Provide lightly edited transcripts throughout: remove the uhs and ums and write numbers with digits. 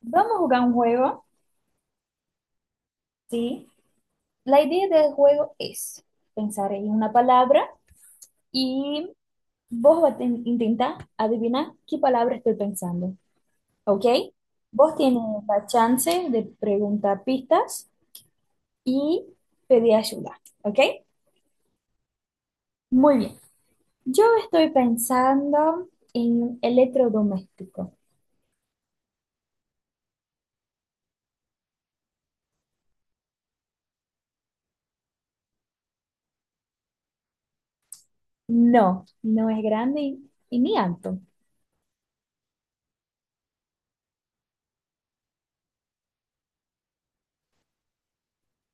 Vamos a jugar un juego, ¿sí? La idea del juego es pensar en una palabra y vos vas a intentar adivinar qué palabra estoy pensando, ¿ok? Vos tienes la chance de preguntar pistas y pedir ayuda, ¿ok? Muy bien. Yo estoy pensando en electrodoméstico. No, no es grande y ni alto.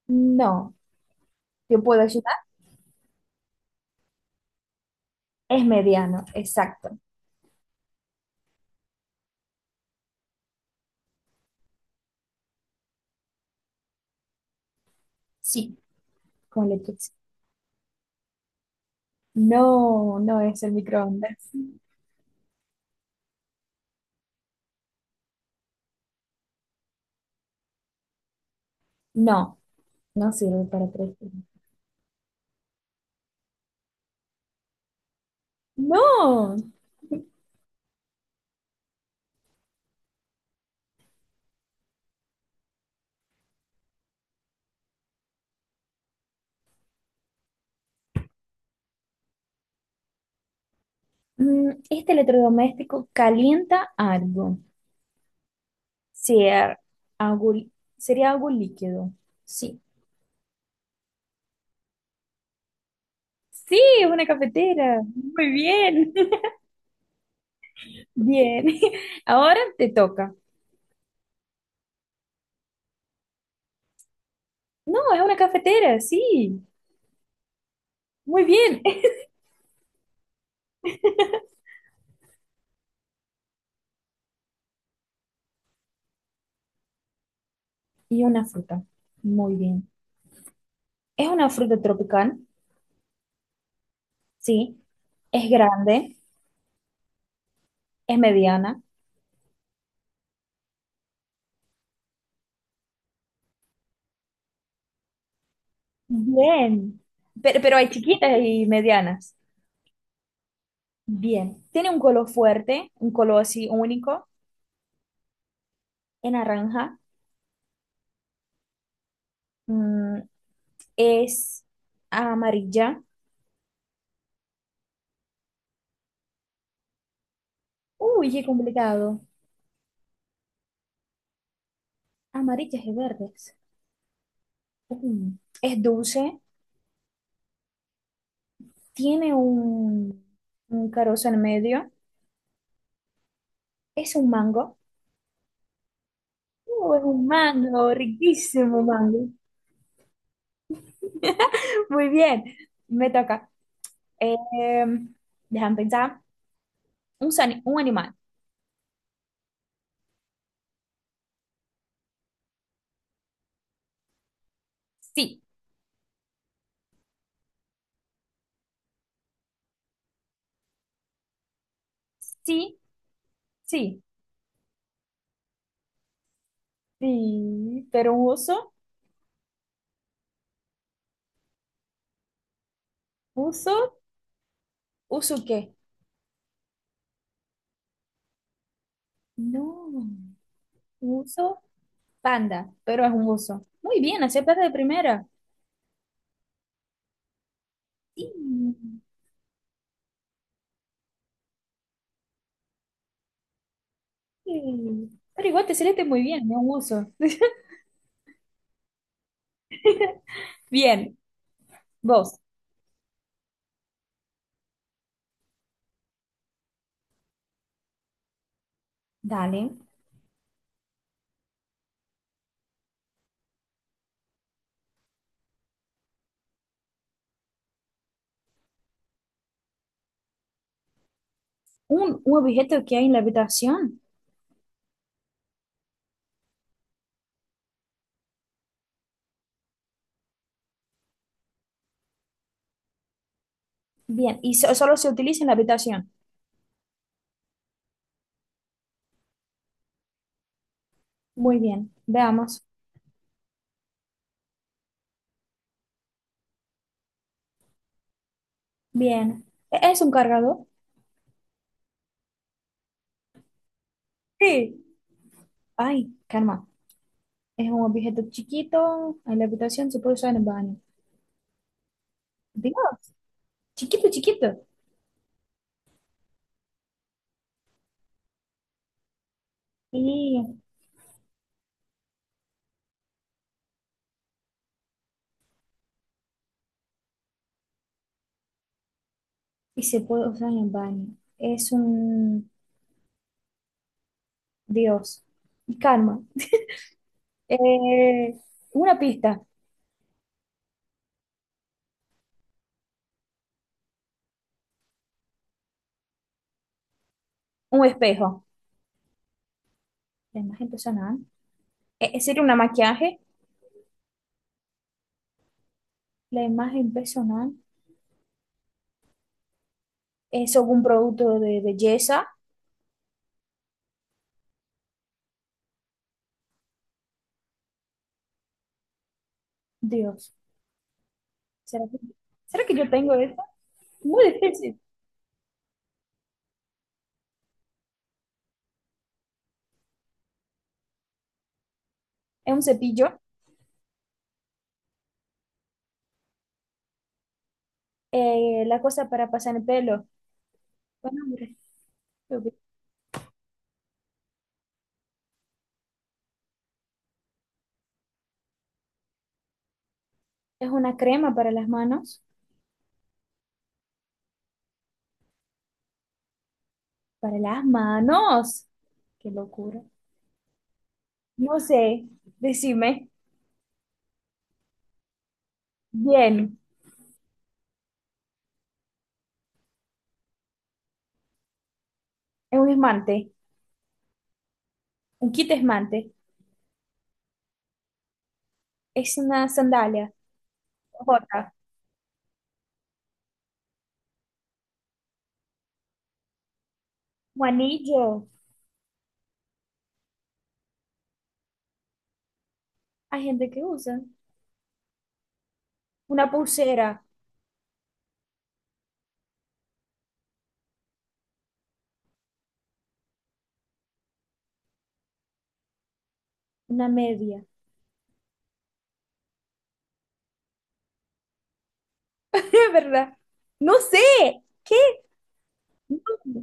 No, ¿te puedo ayudar? Es mediano, exacto. Sí, con electricidad. No, no es el microondas. No, no sirve para presión. No. Este electrodoméstico calienta algo. Sea algo, li- sería algo líquido. Sí. Sí, es una cafetera. Muy bien. Bien. Ahora te toca. No, es una cafetera, sí. Muy bien. Y una fruta. Muy bien. Es una fruta tropical. Sí. Es grande. Es mediana. Bien, pero hay chiquitas y medianas. Bien, tiene un color fuerte, un color así único, en naranja. Mm, es amarilla. Uy, qué complicado. Amarillas y verdes. Mm, es dulce, tiene un, un carozo en medio. Es un mango. Es un mango, riquísimo mango. Muy bien, me toca. Eh, déjame pensar. Un animal. Sí, sí. Sí, sí, pero un oso, uso, ¿uso qué? No, uso panda, pero es un oso. Muy bien, aceptaste de primera. Sí, sí. Pero igual te saliste muy bien, no un oso. Bien, vos, dale. Un objeto que hay en la habitación. Bien, y solo se utiliza en la habitación. Muy bien, veamos. Bien, ¿es un cargador? Sí. Ay, calma. Es un objeto chiquito en la habitación, se puede usar en el baño. Dios, chiquito, chiquito. Y, y se puede usar en baño. Es un Dios. Y calma. Eh, una pista, un espejo. La imagen personal. Sería una maquillaje. La imagen personal es algún producto de belleza. Dios. ¿Será que, ¿será que yo tengo esto? Muy difícil. Es un cepillo. La cosa para pasar el pelo. Bueno, hombre, es una crema para las manos. Para las manos. Qué locura. No sé, decime. Bien, es un esmante, un kit esmante, es una sandalia, jota, un anillo. Hay gente que usa una pulsera, una media, es verdad. No sé, ¿qué? No,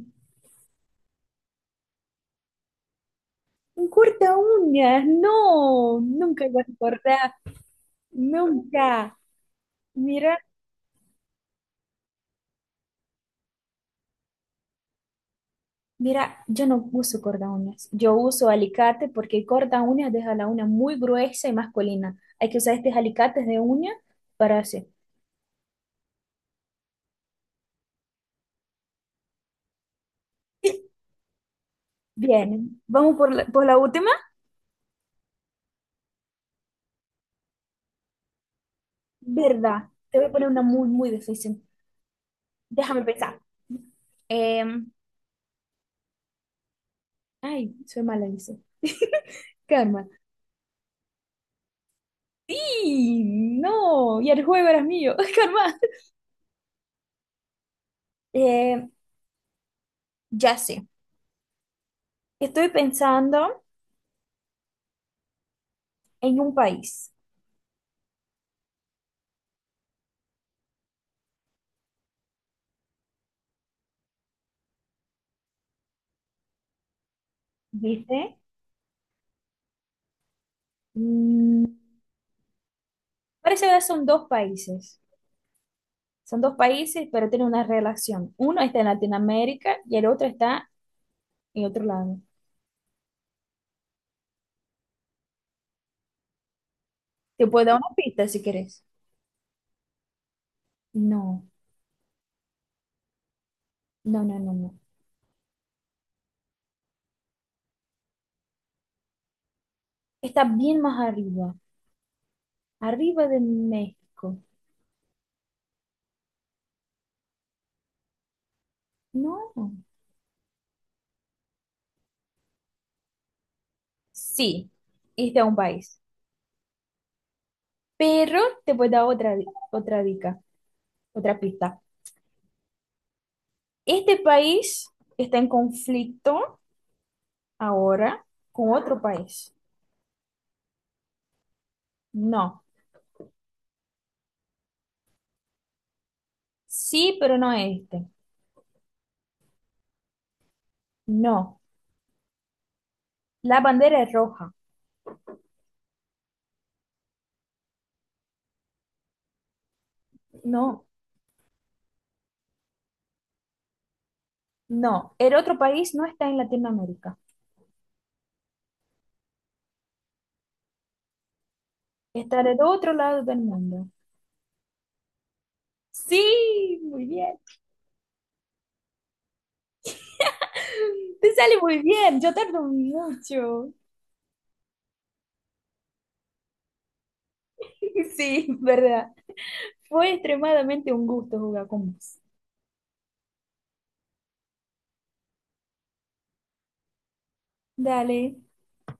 un corta uñas, no, nunca iba a recordar, nunca. Mira. Mira, yo no uso corta uñas. Yo uso alicate porque corta uñas deja la uña muy gruesa y masculina. Hay que usar estos alicates de uña para hacer. Bien, vamos por la última. ¿Verdad? Te voy a poner una muy difícil. Déjame pensar. Em, ay, soy mala, dice. Karma. Sí, no. Y el juego era mío. Karma. Eh, ya sé. Estoy pensando en un país. ¿Viste? Mm, parece que son dos países. Son dos países, pero tienen una relación. Uno está en Latinoamérica y el otro está en otro lado. Te puedo dar una pista si querés. No, no, no, no, no. Está bien más arriba, arriba de México. No, sí, este es un país. Pero te puedo dar otra dica, otra pista. Este país está en conflicto ahora con otro país. No, sí, pero no este. No, la bandera es roja. No. No, el otro país no está en Latinoamérica. Está del otro lado del mundo. Sí, muy bien. Te sale muy bien. Yo tardo mucho. Sí, verdad. Fue extremadamente un gusto jugar con vos. Dale.